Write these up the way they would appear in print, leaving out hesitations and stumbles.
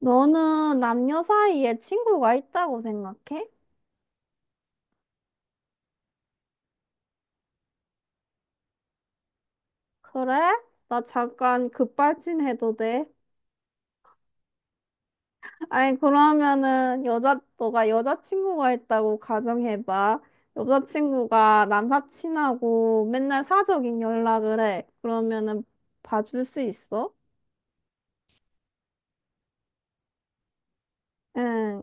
너는 남녀 사이에 친구가 있다고 생각해? 그래? 나 잠깐 급발진해도 돼? 아니, 그러면은 너가 여자친구가 있다고 가정해봐. 여자친구가 남사친하고 맨날 사적인 연락을 해. 그러면은 봐줄 수 있어? 응.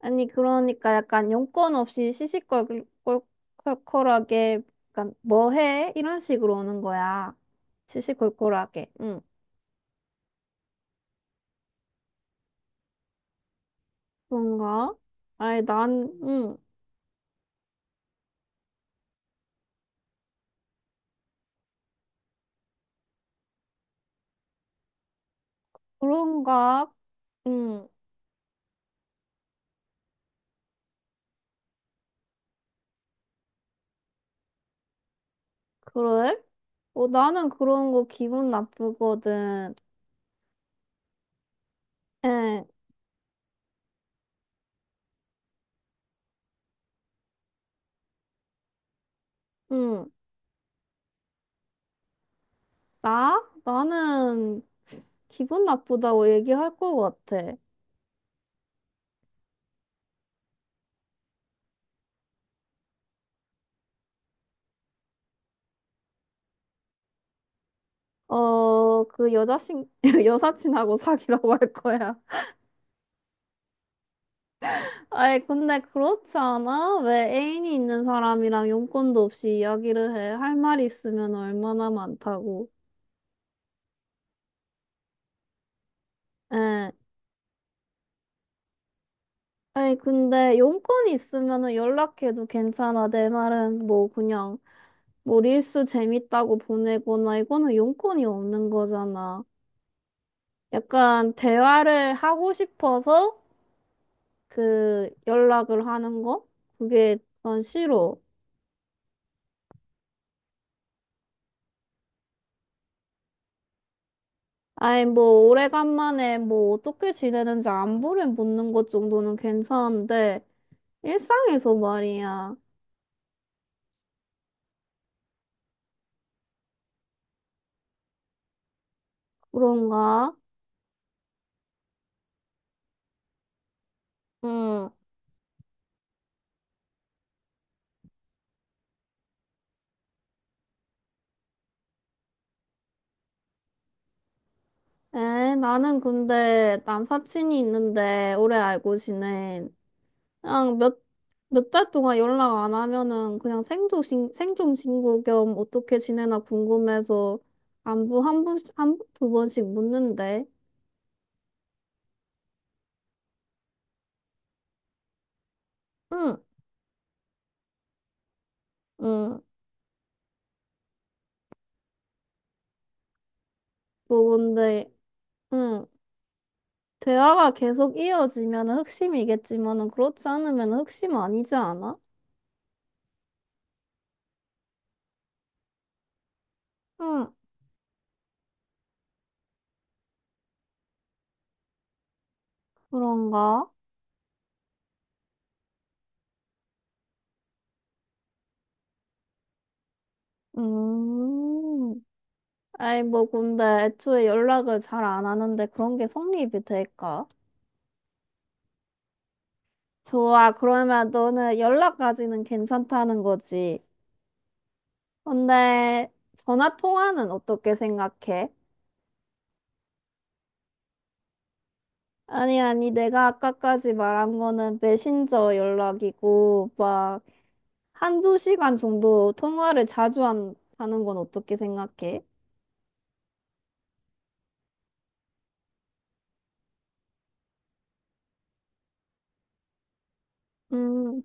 아니, 그러니까 약간 용건 없이 시시콜콜하게, 약간 뭐 해? 이런 식으로 오는 거야. 시시콜콜하게. 응. 그런가? 아니, 난, 응, 그런가? 응, 그래? 어, 나는 그런 거 기분 나쁘거든. 응, 응, 나? 나는 기분 나쁘다고 얘기할 것 같아. 어, 그 여사친하고 사귀라고 할 거야. 아이, 근데 그렇지 않아? 왜 애인이 있는 사람이랑 용건도 없이 이야기를 해? 할 말이 있으면 얼마나 많다고. 응. 아니, 근데 용건이 있으면은 연락해도 괜찮아. 내 말은 뭐 그냥 뭐 릴스 재밌다고 보내거나 이거는 용건이 없는 거잖아. 약간 대화를 하고 싶어서 그 연락을 하는 거? 그게 난 싫어. 아니, 뭐 오래간만에 뭐 어떻게 지내는지 안부를 묻는 것 정도는 괜찮은데 일상에서 말이야. 그런가? 응. 에, 나는 근데 남사친이 있는데 오래 알고 지낸 그냥 몇 달 동안 연락 안 하면은 그냥 생존신고 겸 어떻게 지내나 궁금해서 안부 한, 두 번씩 묻는데. 응, 응. 뭐 근데, 응. 대화가 계속 이어지면은 흑심이겠지만은 그렇지 않으면 흑심 아니지 않아? 응, 그런가? 음. 아이, 뭐, 근데 애초에 연락을 잘 안 하는데 그런 게 성립이 될까? 좋아, 그러면 너는 연락까지는 괜찮다는 거지. 근데 전화 통화는 어떻게 생각해? 아니, 아니, 내가 아까까지 말한 거는 메신저 연락이고, 막, 한두 시간 정도 통화를 자주 하는 건 어떻게 생각해? 음,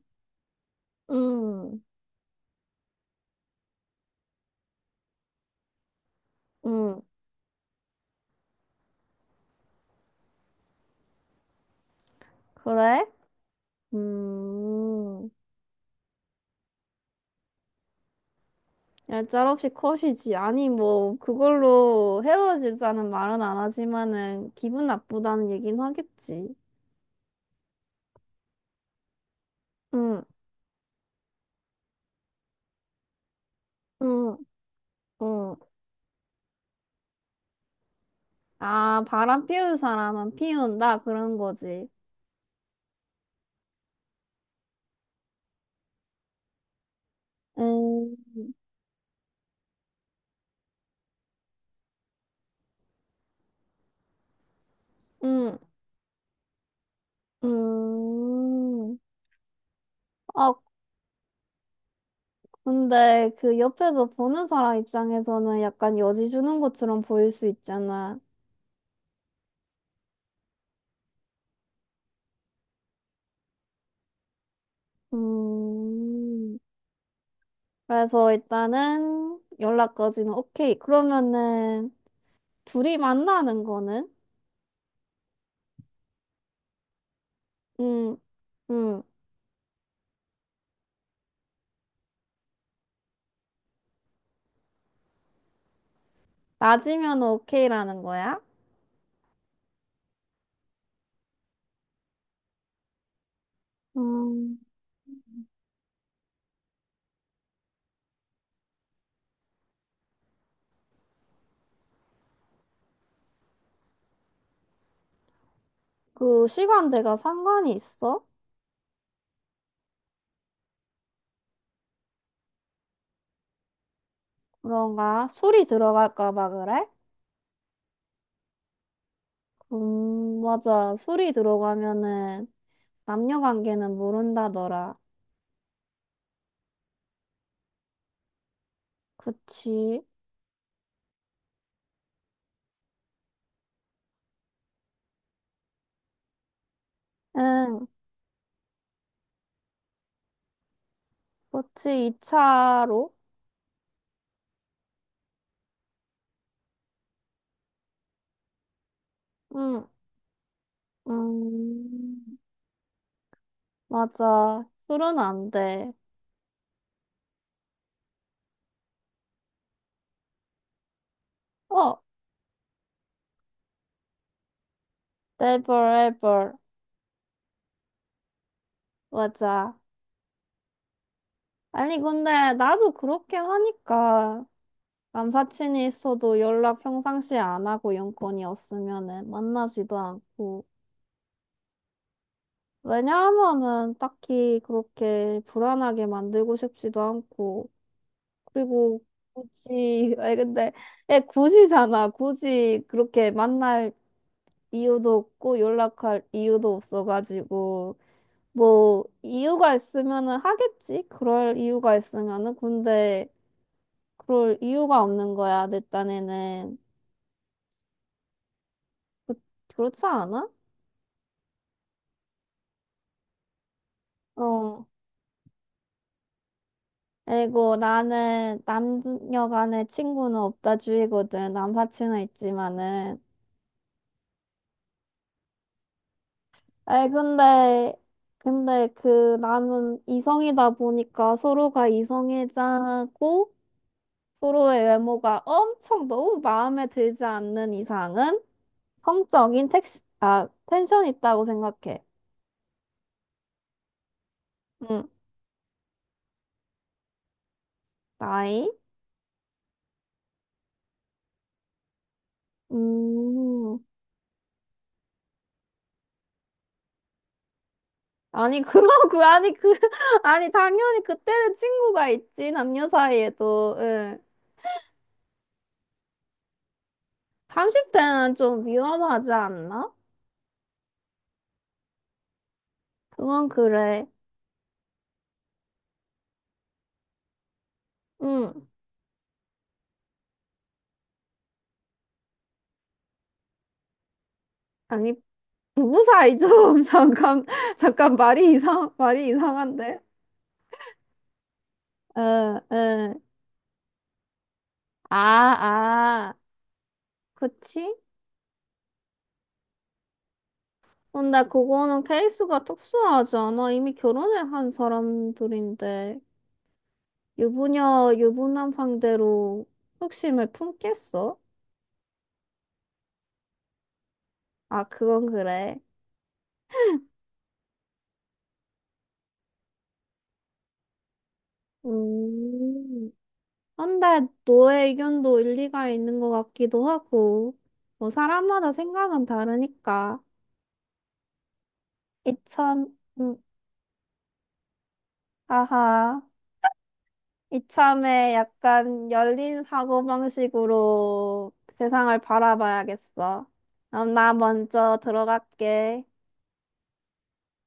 음, 음, 그래? 음. 야, 짤없이 컷이지. 아니, 뭐, 그걸로 헤어지자는 말은 안 하지만은, 기분 나쁘다는 얘긴 하겠지. 응, 응, 응. 아, 바람 피울 사람은 피운다. 그런 거지. 음, 응, 음. 아, 근데 그 옆에서 보는 사람 입장에서는 약간 여지 주는 것처럼 보일 수 있잖아. 음. 그래서 일단은 연락까지는 오케이. 그러면은, 둘이 만나는 거는? 음, 음, 낮이면 오케이라는 거야? 음, 그 시간대가 상관이 있어? 그런가? 술이 들어갈까 봐 그래? 맞아. 술이 들어가면은 남녀 관계는 모른다더라. 그치? 응, 그치. 2차로? 응, 음, 맞아. 술은 안 돼. 어, never ever. 맞아. 아니, 근데 나도 그렇게 하니까 남사친이 있어도 연락 평상시에 안 하고 연건이 없으면은 만나지도 않고. 왜냐하면은 딱히 그렇게 불안하게 만들고 싶지도 않고. 그리고 굳이, 아니 근데, 애 굳이잖아. 굳이 그렇게 만날 이유도 없고 연락할 이유도 없어가지고. 뭐, 이유가 있으면은 하겠지? 그럴 이유가 있으면은. 근데 그럴 이유가 없는 거야, 내 딴에는. 그렇지 않아? 어. 그리고 나는 남녀 간의 친구는 없다 주의거든. 남사친은 있지만은. 아이, 근데 그 나는 이성이다 보니까 서로가 이성애자고 서로의 외모가 엄청 너무 마음에 들지 않는 이상은 텐션 있다고 생각해. 응, 나이? 음. 아니, 그러고, 아니, 그, 아니, 당연히 그때는 친구가 있지, 남녀 사이에도. 응. 30대는 좀 위험하지 않나? 그건 그래. 응. 아니, 부부 사이 좀, 잠깐, 잠깐, 말이 이상한데? 응, 응. 아, 아. 그치? 근데 그거는 케이스가 특수하지 않아? 이미 결혼을 한 사람들인데, 유부녀, 유부남 상대로 흑심을 품겠어? 아, 그건 그래. 음. 근데 너의 의견도 일리가 있는 것 같기도 하고, 뭐 사람마다 생각은 다르니까. 이참, 음, 아하. 이참에 약간 열린 사고방식으로 세상을 바라봐야겠어. 그럼 나 먼저 들어갈게.